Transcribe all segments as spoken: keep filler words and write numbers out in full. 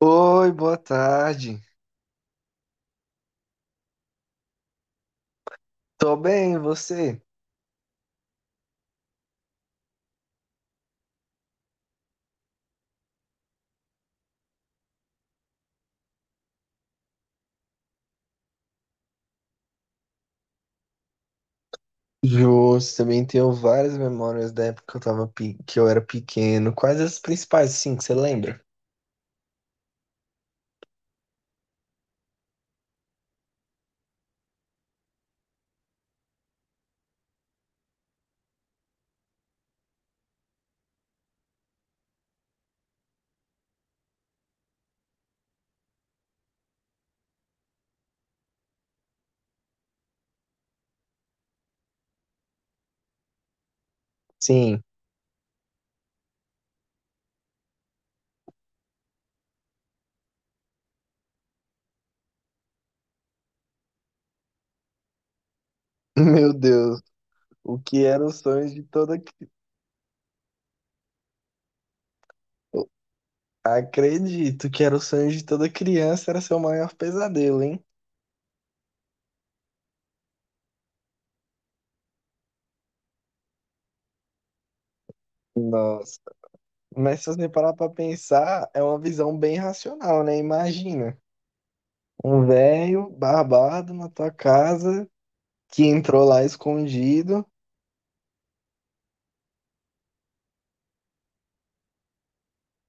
Oi, boa tarde. Tô bem, e você? Justo, também tenho várias memórias da época que eu tava, pe- que eu era pequeno. Quais as principais, sim, que você lembra? Sim. Meu Deus, o que era o sonho de toda... cri- Acredito que era o sonho de toda criança, era seu maior pesadelo, hein? Nossa. Mas se você parar pra pensar, é uma visão bem racional, né? Imagina, um velho barbado na tua casa que entrou lá escondido.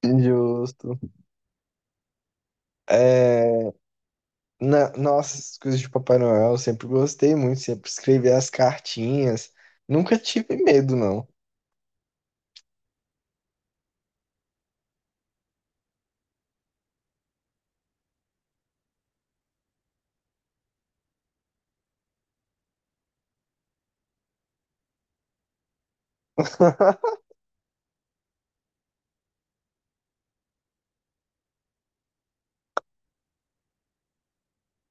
Justo. É, na, Nossa, essas coisas de Papai Noel, eu sempre gostei muito, sempre escrevi as cartinhas. Nunca tive medo, não.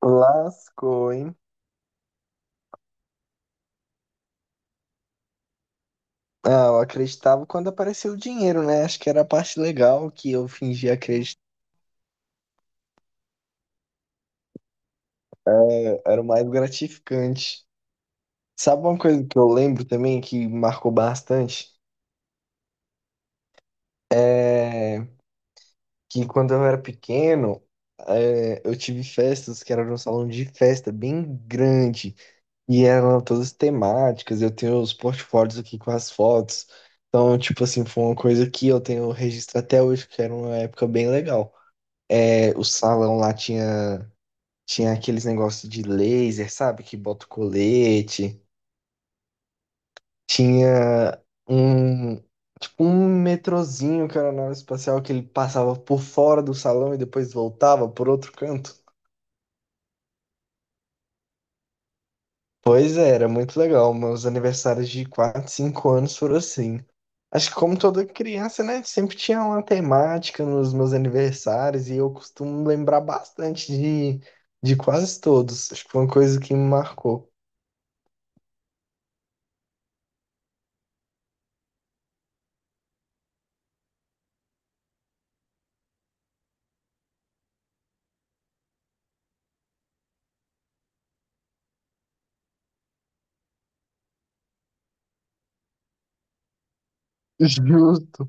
Lascou, hein? Ah, eu acreditava quando apareceu o dinheiro, né? Acho que era a parte legal que eu fingia acreditar, era o mais gratificante. Sabe uma coisa que eu lembro também que marcou bastante? É que quando eu era pequeno, é, eu tive festas que era num salão de festa bem grande. E eram todas temáticas, eu tenho os portfólios aqui com as fotos. Então, tipo assim, foi uma coisa que eu tenho registro até hoje, que era uma época bem legal. É, o salão lá tinha, tinha aqueles negócios de laser, sabe? Que bota o colete. Tinha um, tipo, um metrozinho que era na nave espacial, que ele passava por fora do salão e depois voltava por outro canto. Pois é, era muito legal. Meus aniversários de quatro, cinco anos foram assim. Acho que como toda criança, né? Sempre tinha uma temática nos meus aniversários e eu costumo lembrar bastante de, de quase todos. Acho que foi uma coisa que me marcou. Justo.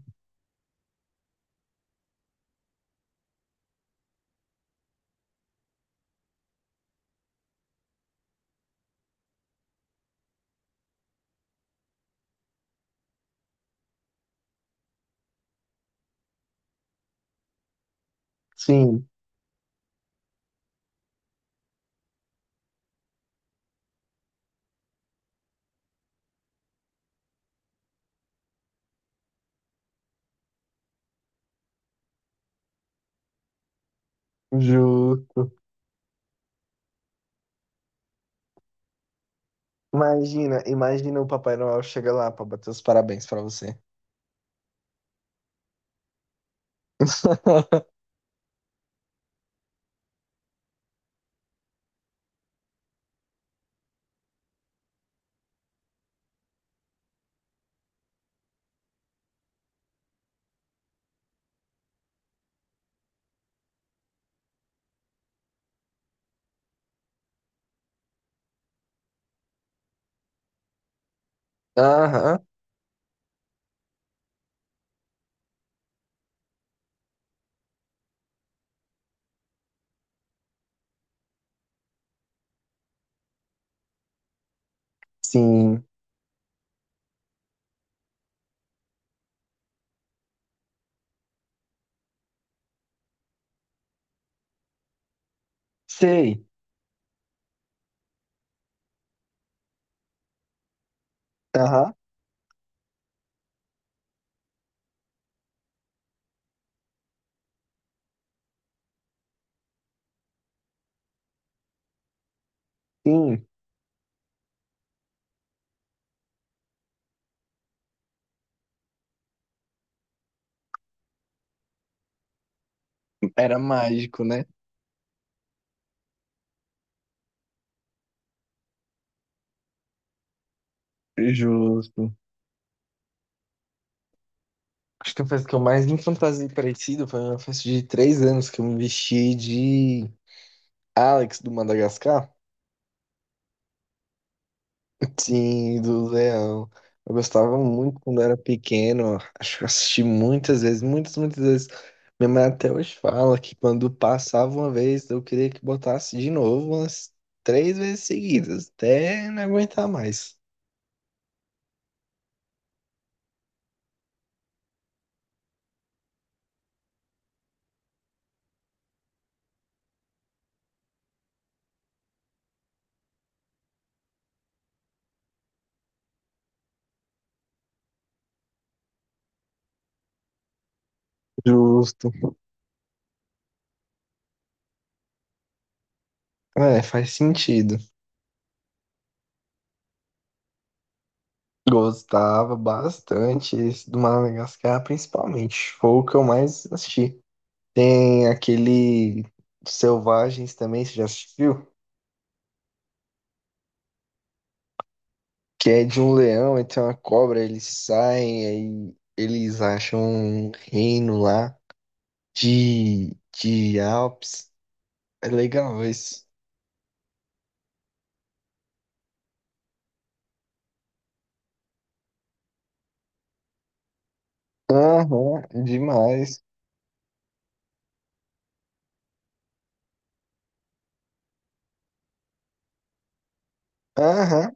Sim, justo. Imagina, imagina o Papai Noel chega lá para bater os parabéns para você. Aham, sim. Sei. Aham, sim. Era mágico, né? Justo. Acho que a festa que eu mais me fantasiei parecido foi uma festa de três anos que eu me vesti de Alex do Madagascar. Sim, do Leão. Eu gostava muito quando era pequeno. Acho que eu assisti muitas vezes, muitas, muitas vezes. Minha mãe até hoje fala que quando passava uma vez, eu queria que botasse de novo umas três vezes seguidas, até não aguentar mais. Justo. É, faz sentido. Gostava bastante esse do Madagascar, principalmente. Foi o que eu mais assisti. Tem aquele Selvagens também, você já assistiu? Que é de um leão e tem uma cobra, eles saem, aí eles acham um reino lá de, de Alpes. É legal isso. Aham, demais. Aham.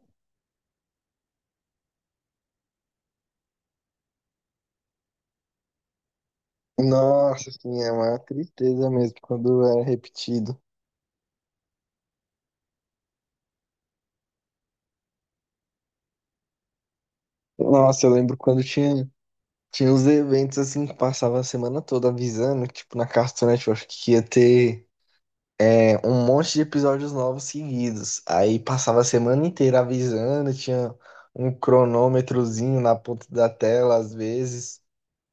Nossa, assim, é uma tristeza mesmo quando era repetido. Nossa, eu lembro quando tinha. Tinha uns eventos assim que passava a semana toda avisando, que, tipo, na Cartoon Network, que ia ter é, um monte de episódios novos seguidos. Aí passava a semana inteira avisando, tinha um cronômetrozinho na ponta da tela, às vezes,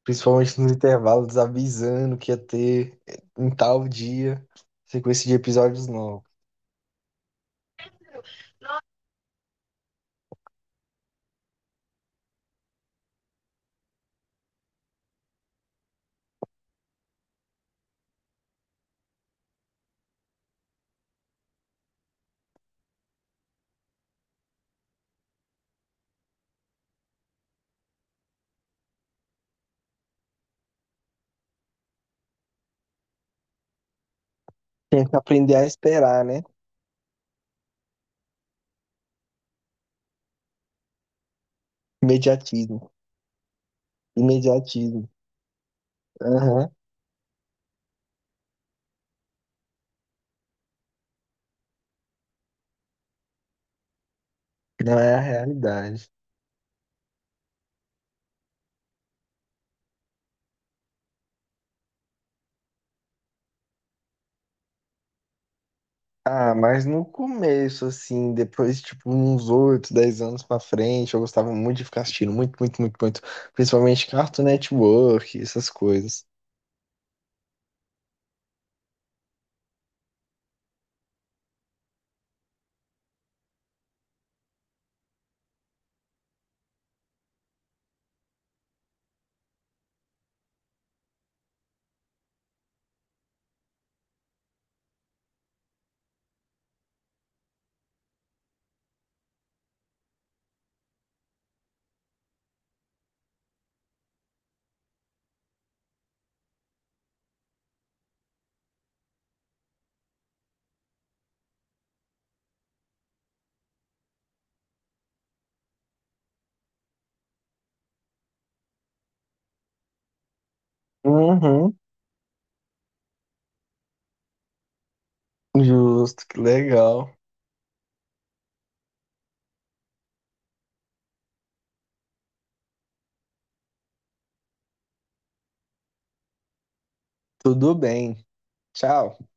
principalmente nos intervalos, avisando que ia ter é, em tal dia sequência de episódios novos. Tinha que aprender a esperar, né? Imediatismo. Imediatismo. Aham. Não é a realidade. Ah, mas no começo, assim, depois, tipo, uns oito, dez anos pra frente, eu gostava muito de ficar assistindo, muito, muito, muito, muito. Principalmente Cartoon Network, essas coisas. Uhum. Justo, que legal. Tudo bem. Tchau.